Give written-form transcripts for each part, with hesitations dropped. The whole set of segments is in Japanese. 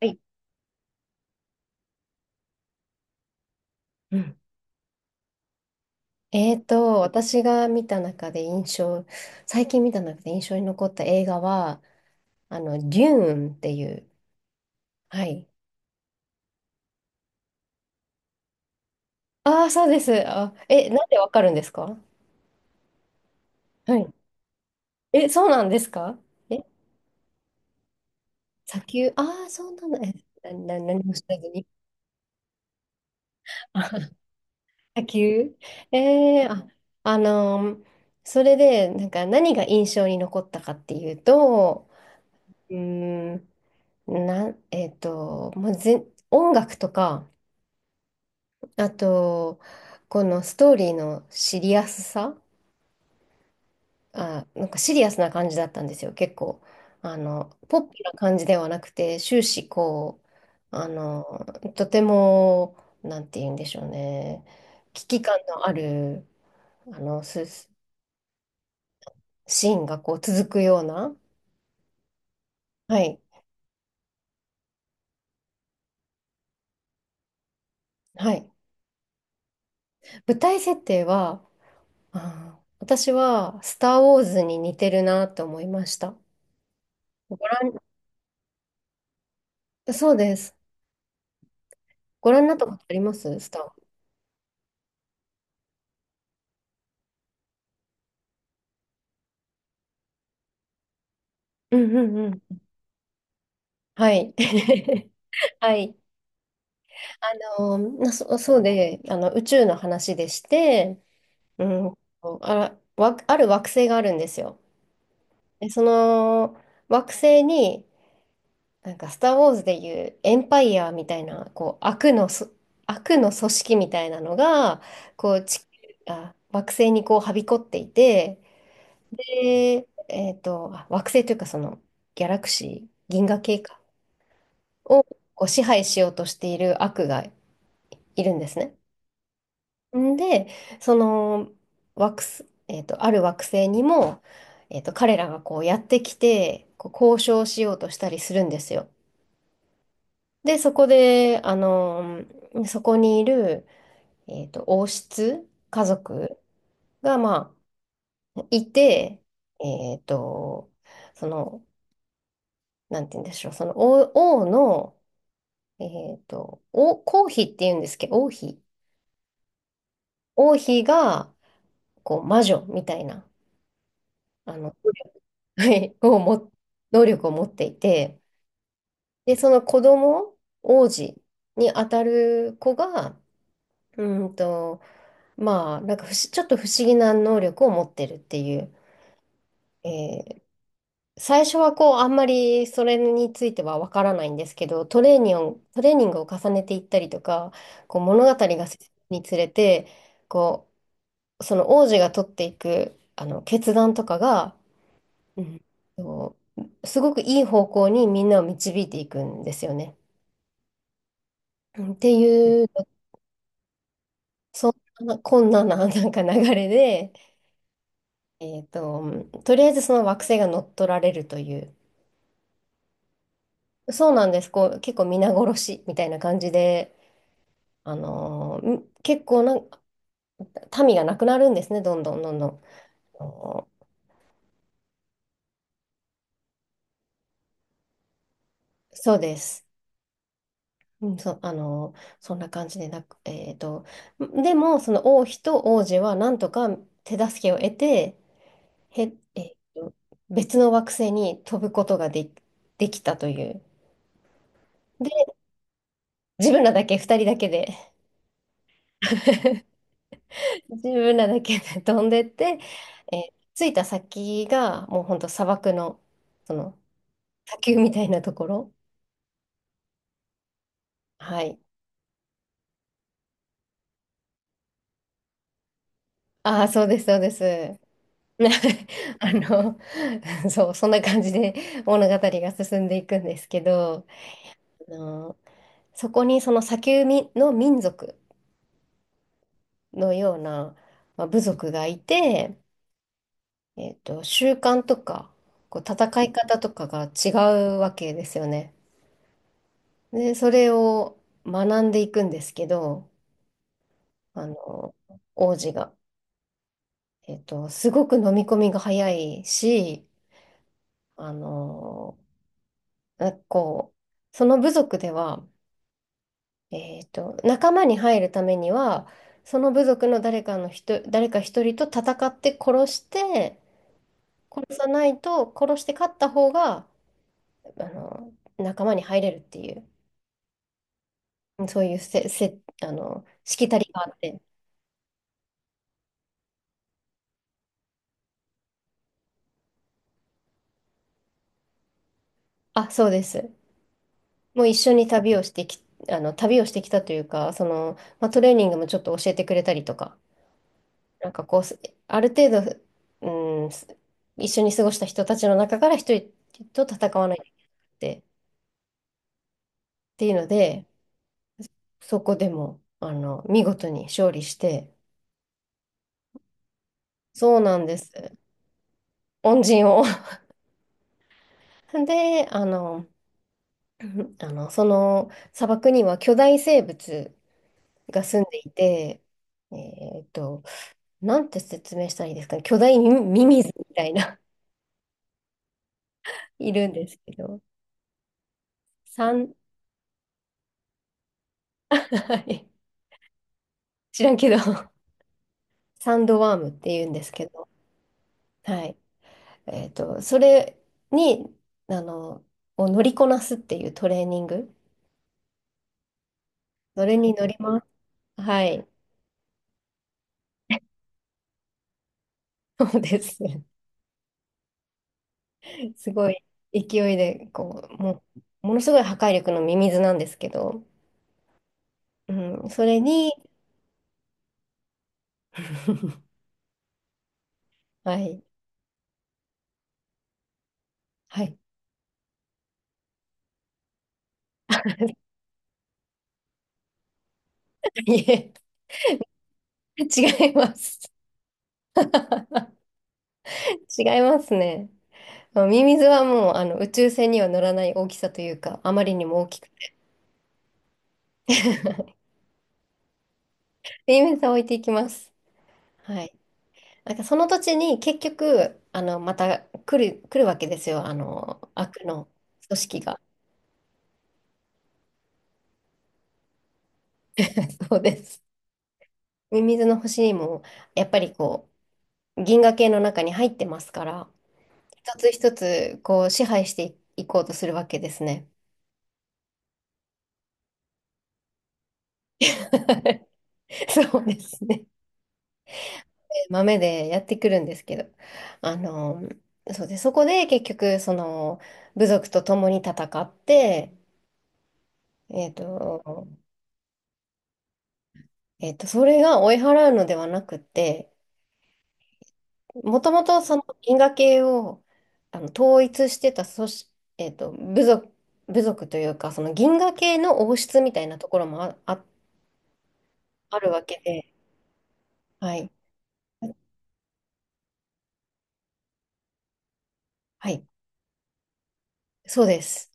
はい。うん。私が見た中で印象、最近見た中で印象に残った映画は、デューンっていう。はい。ああ、そうです。なんでわかるんですか？はい。え、そうなんですか？え、砂丘。ああ、そうなんだ。え、な、な、何も知らずに。あ砂丘。えー、あ、あのーそれで、なんか何が印象に残ったかっていうと、うーん、なん、えっと、もうぜ、音楽とか、あと、このストーリーのシリアスさ、なんかシリアスな感じだったんですよ、結構。ポップな感じではなくて、終始こう、あの、とても、なんて言うんでしょうね、危機感のある、あの、すシーンがこう続くような、はい、はい。舞台設定は、私は、スター・ウォーズに似てるなと思いました。ご覧、そうです。ご覧になったことありますスター？うんうんうん。はい。はい。あの、なそ、そうで、あの、宇宙の話でして、うん、ある惑星があるんですよ。で、その惑星に、なんか、スター・ウォーズでいうエンパイアみたいな、こう、悪の組織みたいなのが、こう、惑星にこう、はびこっていて、で、惑星というか、ギャラクシー、銀河系か。をこう支配しようとしている悪がいるんですね。んで、その惑星、えっと、ある惑星にも、彼らがこうやってきて、こう交渉しようとしたりするんですよ。で、そこで、そこにいる、王室家族が、まあ、いて、えっと、その、なんて言うんでしょう、その王、王の、えっと、王、皇妃って言うんですけど、王妃。王妃が、こう、魔女みたいな、あの、はい、能力を持っていて、で、その子供、王子に当たる子が、うーんと、まあ、なんかちょっと不思議な能力を持ってるっていう、えー最初はこう、あんまりそれについてはわからないんですけど、トレーニングを重ねていったりとか、こう物語が進むにつれて、こう、その王子が取っていく、あの決断とかが、うん。そうすごくいい方向にみんなを導いていくんですよね。うんっていう、そんなこんなな、なんか流れで、えっと、とりあえずその惑星が乗っ取られるという、そうなんです、こう結構皆殺しみたいな感じで、結構な民がなくなるんですね、どんどんどんどん。あのそうです。うんそ、あのーそんな感じでなく、でも、その王妃と王子はなんとか手助けを得て、へ、えっと、別の惑星に飛ぶことができたという。で、自分らだけ、2人だけで、自分らだけで飛んでって、着いた先がもう本当砂漠の、その砂丘みたいなところ。はい。ああ、そうです、そうです。あの、そう、そんな感じで物語が進んでいくんですけど、あの、そこにその砂丘みの民族のような、まあ、部族がいて、習慣とか、こう戦い方とかが違うわけですよね。で、それを学んでいくんですけど、あの、王子が、すごく飲み込みが早いし、あの、なこう、その部族では、仲間に入るためには、その部族の誰かの人、誰か一人と戦って殺して、殺さないと、殺して勝った方が、あの、仲間に入れるっていう。そういうせ、せ、あの、しきたりがあって。そうです。もう一緒に旅をしてき、あの、旅をしてきたというか、まあ、トレーニングもちょっと教えてくれたりとか、なんかこう、ある程度、うん、一緒に過ごした人たちの中から一人と戦わないといけなくて、っていうので、そこでも、見事に勝利して、そうなんです。恩人を。で、その砂漠には巨大生物が住んでいて、えーっと、なんて説明したらいいですかね。巨大ミミミズみたいな いるんですけど、サン、はい、知らんけど、サンドワームって言うんですけど、はい。それに、あの、を乗りこなすっていうトレーニング、それに乗ります。はい。そうです。すごい勢いで、こう、もう、ものすごい破壊力のミミズなんですけど、うん、それに、はい、はい。いえ 違います。違いますね。まあミミズはもうあの宇宙船には乗らない大きさというか、あまりにも大きく、ミミズは置いていきます。はい。なんかその土地に結局、また来るわけですよ。悪の組織が。そうです。ミミズの星にも、やっぱりこう、銀河系の中に入ってますから、一つ一つこう支配していこうとするわけですね。そうですね。豆でやってくるんですけど、あの、そうで、そこで結局、部族と共に戦って、えっと、それが追い払うのではなくて、もともとその因果系を統一してた組織、えっと、部族、部族というか、その銀河系の王室みたいなところもあるわけで、はい。はい、そうです。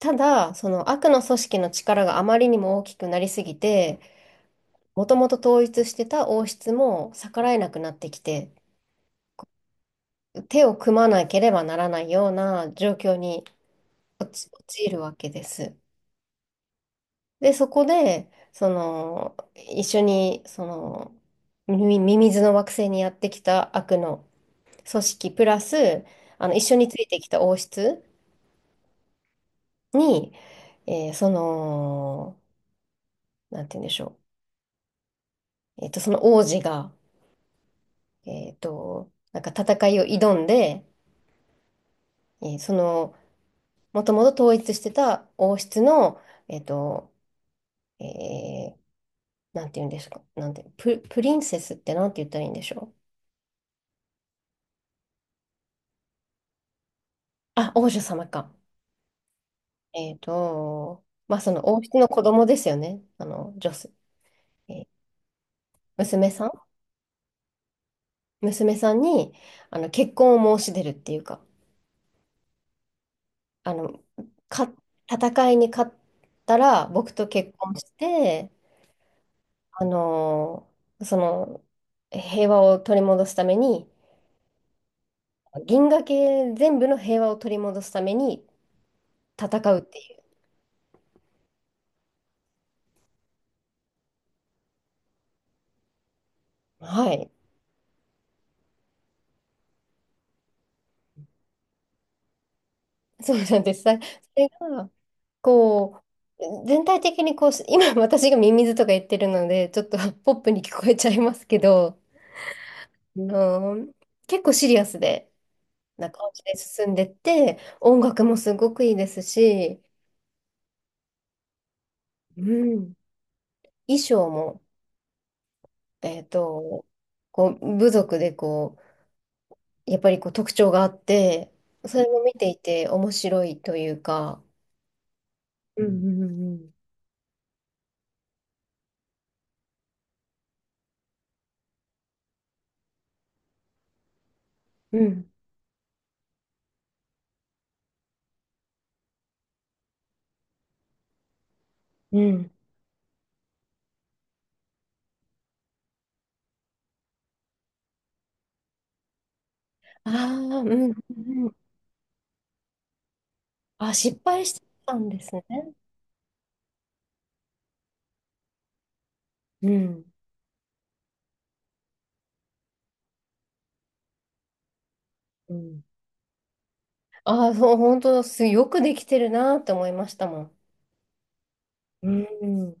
ただ、その悪の組織の力があまりにも大きくなりすぎて、もともと統一してた王室も逆らえなくなってきて、手を組まなければならないような状況に陥るわけです。で、そこで、一緒に、ミミミズの惑星にやってきた悪の組織、プラス、一緒についてきた王室に、えーその、なんて言うんでしょう。その王子が、なんか戦いを挑んで、えーその、もともと統一してた王室の、えっと、えー、なんて言うんですか、なんて、プ、プリンセスってなんて言ったらいいんでしょう。王女様か。まあ、その王室の子供ですよね。女性、えー娘さん娘さんに、結婚を申し出るっていうか、あの、か、戦いに勝ったら、僕と結婚して、あの、その、平和を取り戻すために、銀河系全部の平和を取り戻すために戦うっていう。はい。そうなんです。それが、こう、全体的にこう、今私がミミズとか言ってるので、ちょっとポップに聞こえちゃいますけど、あの結構シリアスで、な感じで進んでって、音楽もすごくいいですし、うん、衣装も、えっと、こう、部族でこう、やっぱりこう特徴があって、それも見ていて面白いというか、うんうんうんうんうんうん、ああー、うんうんうん。あ、失敗してたんですね。うんうん。ああー、そう、本当すよくできてるなって思いましたもん。うん。